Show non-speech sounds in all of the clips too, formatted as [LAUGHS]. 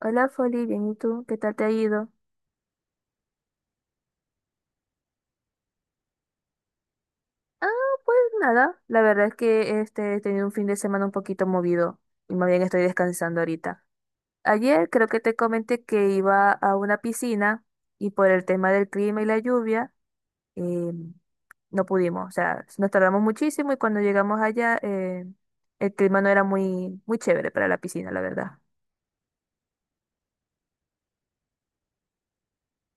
Hola, Foli, bien, ¿y tú? ¿Qué tal te ha ido? Ah, pues nada, la verdad es que este, he tenido un fin de semana un poquito movido y más bien estoy descansando ahorita. Ayer creo que te comenté que iba a una piscina y por el tema del clima y la lluvia, eh, no pudimos, o sea, nos tardamos muchísimo y cuando llegamos allá el clima no era muy, muy chévere para la piscina, la verdad.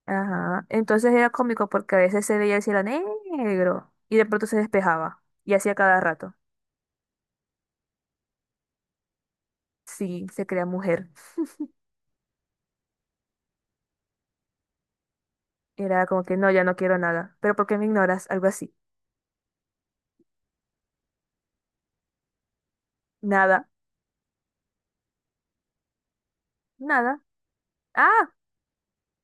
Ajá, entonces era cómico porque a veces se veía el cielo negro y de pronto se despejaba y hacía cada rato. Sí, se crea mujer. Era como que no, ya no quiero nada. ¿Pero por qué me ignoras? Algo así. Nada, nada. Ah,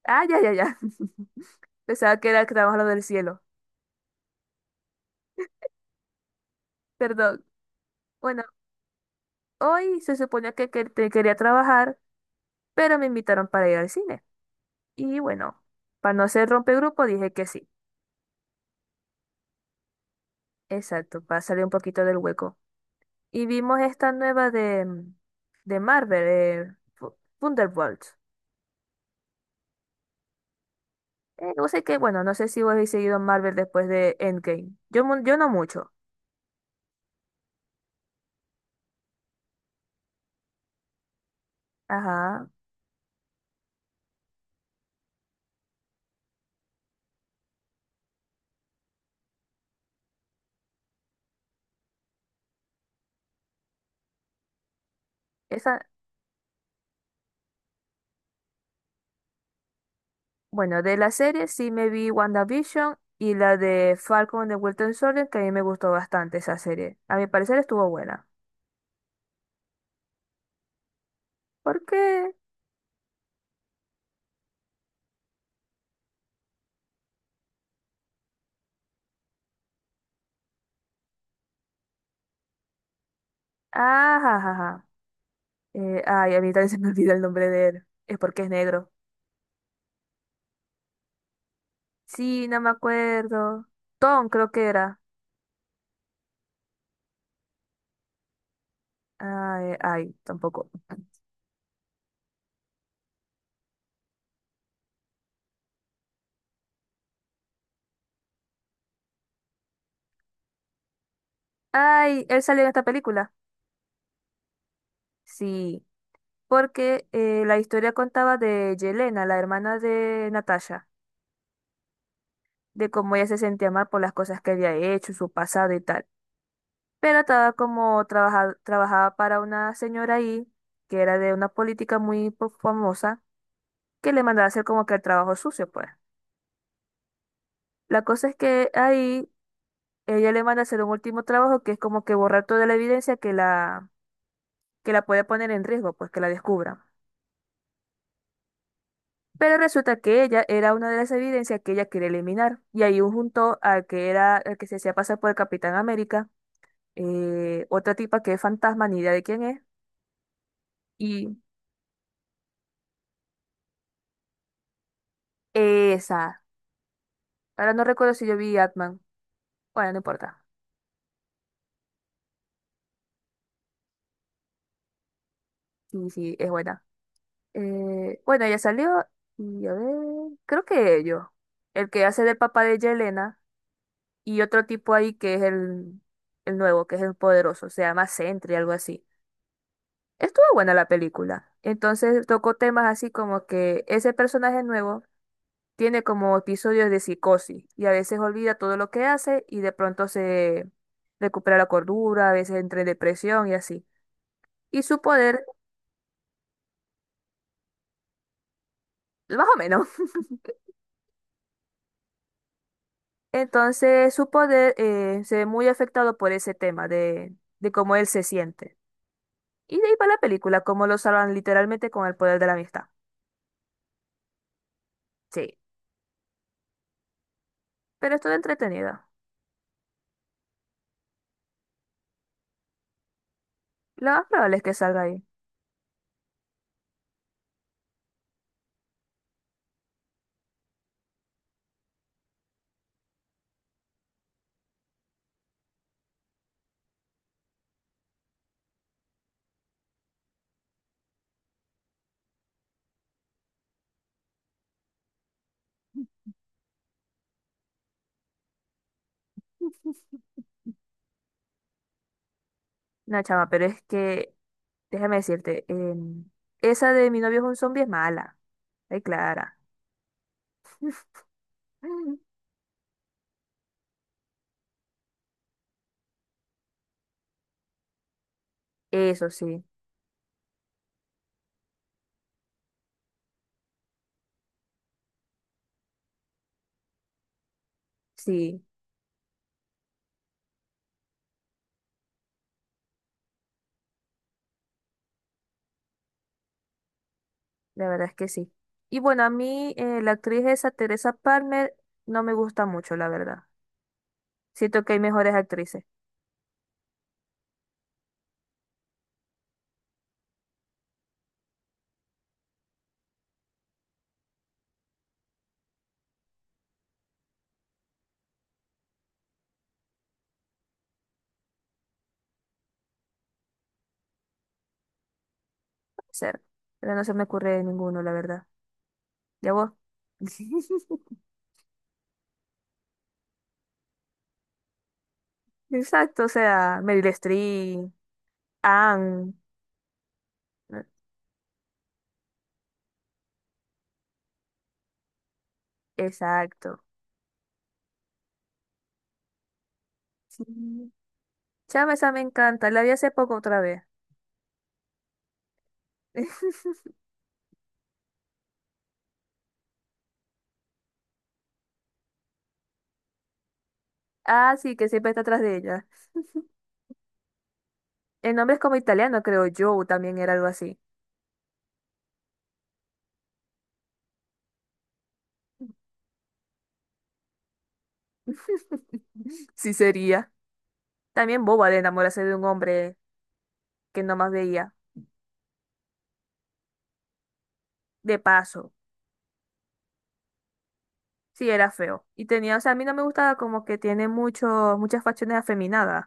ah, ya, ya, ya. [LAUGHS] Pensaba que era que estábamos lo del cielo. Perdón. Bueno, hoy se suponía que te quería trabajar, pero me invitaron para ir al cine. Y bueno, para no ser rompegrupo, dije que sí. Exacto, para salir un poquito del hueco. Y vimos esta nueva de, de Marvel, Thunderbolts. No sé qué, bueno, no sé si vos habéis seguido Marvel después de Endgame. Yo, yo no mucho. Ajá. Esa, bueno, de la serie sí me vi WandaVision y la de Falcon de Wilton Soldier, que a mí me gustó bastante esa serie. A mi parecer estuvo buena. ¿Por qué? Ajá, ajá, ajá. Ay, a mí también [LAUGHS] se me olvida el nombre de él. Es porque es negro. Sí, no me acuerdo. Tom, creo que era. Ay, ay, tampoco. Ay, él salió en esta película. Sí, porque la historia contaba de Yelena, la hermana de Natasha, de cómo ella se sentía mal por las cosas que había hecho, su pasado y tal. Pero estaba como trabajaba para una señora ahí, que era de una política muy famosa, que le mandaba hacer como que el trabajo sucio, pues. La cosa es que ahí ella le manda hacer un último trabajo que es como que borrar toda la evidencia que la puede poner en riesgo, pues que la descubran. Pero resulta que ella era una de las evidencias que ella quería eliminar. Y ahí juntó al que era, el que se hacía pasar por el Capitán América, otra tipa que es fantasma, ni idea de quién es. Y esa. Ahora no recuerdo si yo vi Atman. Bueno, no importa. Sí, sí, es buena. Bueno, ella salió y a ver, creo que ellos. El que hace del papá de Yelena y otro tipo ahí que es el nuevo, que es el poderoso. Se llama Sentry, algo así. Estuvo buena la película. Entonces tocó temas así como que ese personaje nuevo tiene como episodios de psicosis y a veces olvida todo lo que hace y de pronto se recupera la cordura, a veces entra en depresión y así. Y su poder, más o menos. [LAUGHS] Entonces su poder se ve muy afectado por ese tema de cómo él se siente. Y de ahí va la película, cómo lo salvan literalmente con el poder de la amistad. Sí, pero estuvo entretenida. Lo más probable es que salga ahí. No, chama, pero es que déjame decirte, esa de mi novio es un zombie es mala. Ay, Clara. [LAUGHS] Eso sí, sí, la verdad es que sí. Y bueno, a mí la actriz esa, Teresa Palmer, no me gusta mucho, la verdad. Siento que hay mejores actrices, puede ser, pero no se me ocurre ninguno, la verdad. ¿Ya vos? [LAUGHS] Exacto, o sea, Meryl Streep, Anne, ¿no? Exacto. Sí. Chama, esa me encanta, la vi hace poco otra vez. [LAUGHS] Ah, sí, que siempre está atrás de ella. El nombre es como italiano, creo yo, o también era algo así. Sí sería. También boba de enamorarse de un hombre que no más veía. De paso. Sí, era feo. Y tenía, o sea, a mí no me gustaba como que tiene muchos, muchas facciones afeminadas.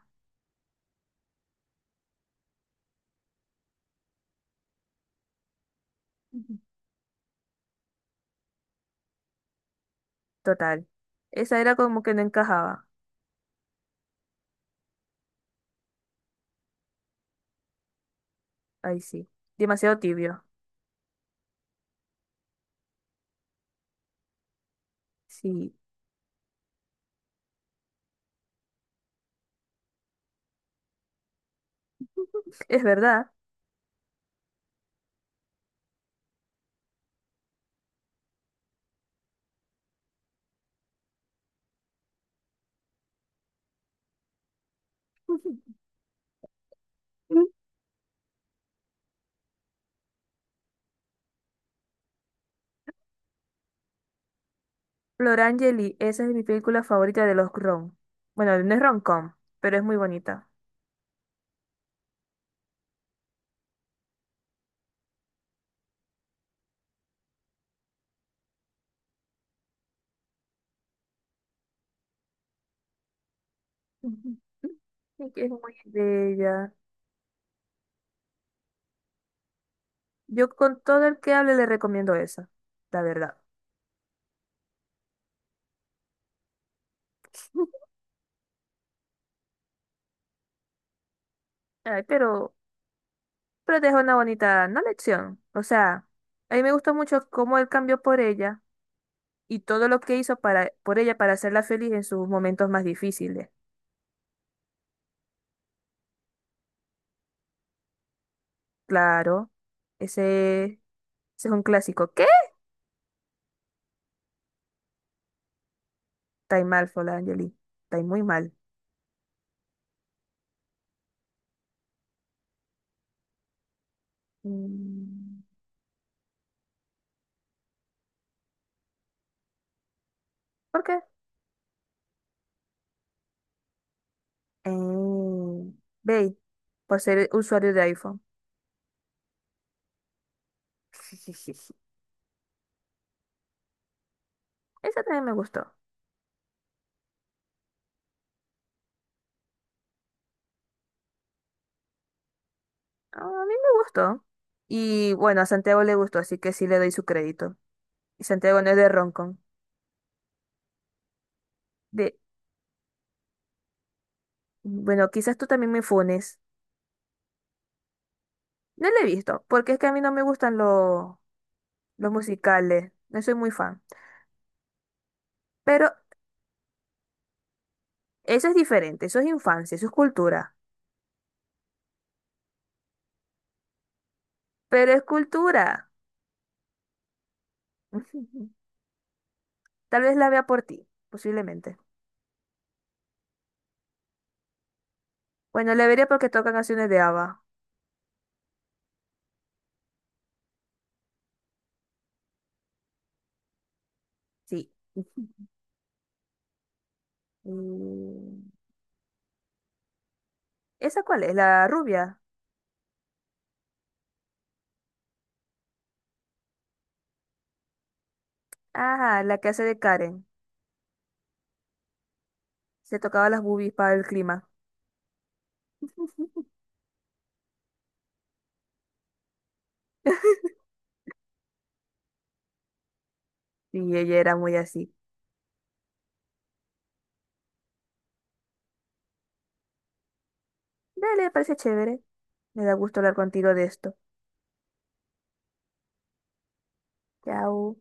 Ujú. Total. Esa era como que no encajaba. Ahí sí. Demasiado tibio. Sí. [LAUGHS] Es verdad. [LAUGHS] Florangeli, esa es mi película favorita de los rom. Bueno, no es rom-com, pero es muy bonita. Ujú. Sí, que es muy bella. Yo con todo el que hable le recomiendo esa, la verdad. [LAUGHS] Ay, pero deja una bonita, no lección. O sea, a mí me gustó mucho cómo él cambió por ella y todo lo que hizo para, por ella para hacerla feliz en sus momentos más difíciles. Claro, ese, ese es un clásico. ¿Qué? Está ahí mal, Fola Angeli. Está ahí muy mal. Mm, ¿por qué? Eh, Bey, por ser usuario de iPhone. [LAUGHS] Esa también me gustó. Ah, a mí me gustó. Y bueno, a Santiago le gustó, así que sí le doy su crédito. Y Santiago no es de Roncon. De, bueno, quizás tú también me funes. No le he visto, porque es que a mí no me gustan los musicales. No soy muy fan. Pero eso es diferente, eso es infancia, eso es cultura. Pero es cultura. [LAUGHS] Tal vez la vea por ti, posiblemente. Bueno, la vería porque toca canciones de ABBA. Sí. [LAUGHS] Y- ¿Esa cuál es? ¿La rubia? Ah, la que hace de Karen. Se tocaba las boobies para el clima. [LAUGHS] Y ella era muy así. Dale, parece chévere. Me da gusto hablar contigo de esto. Chao.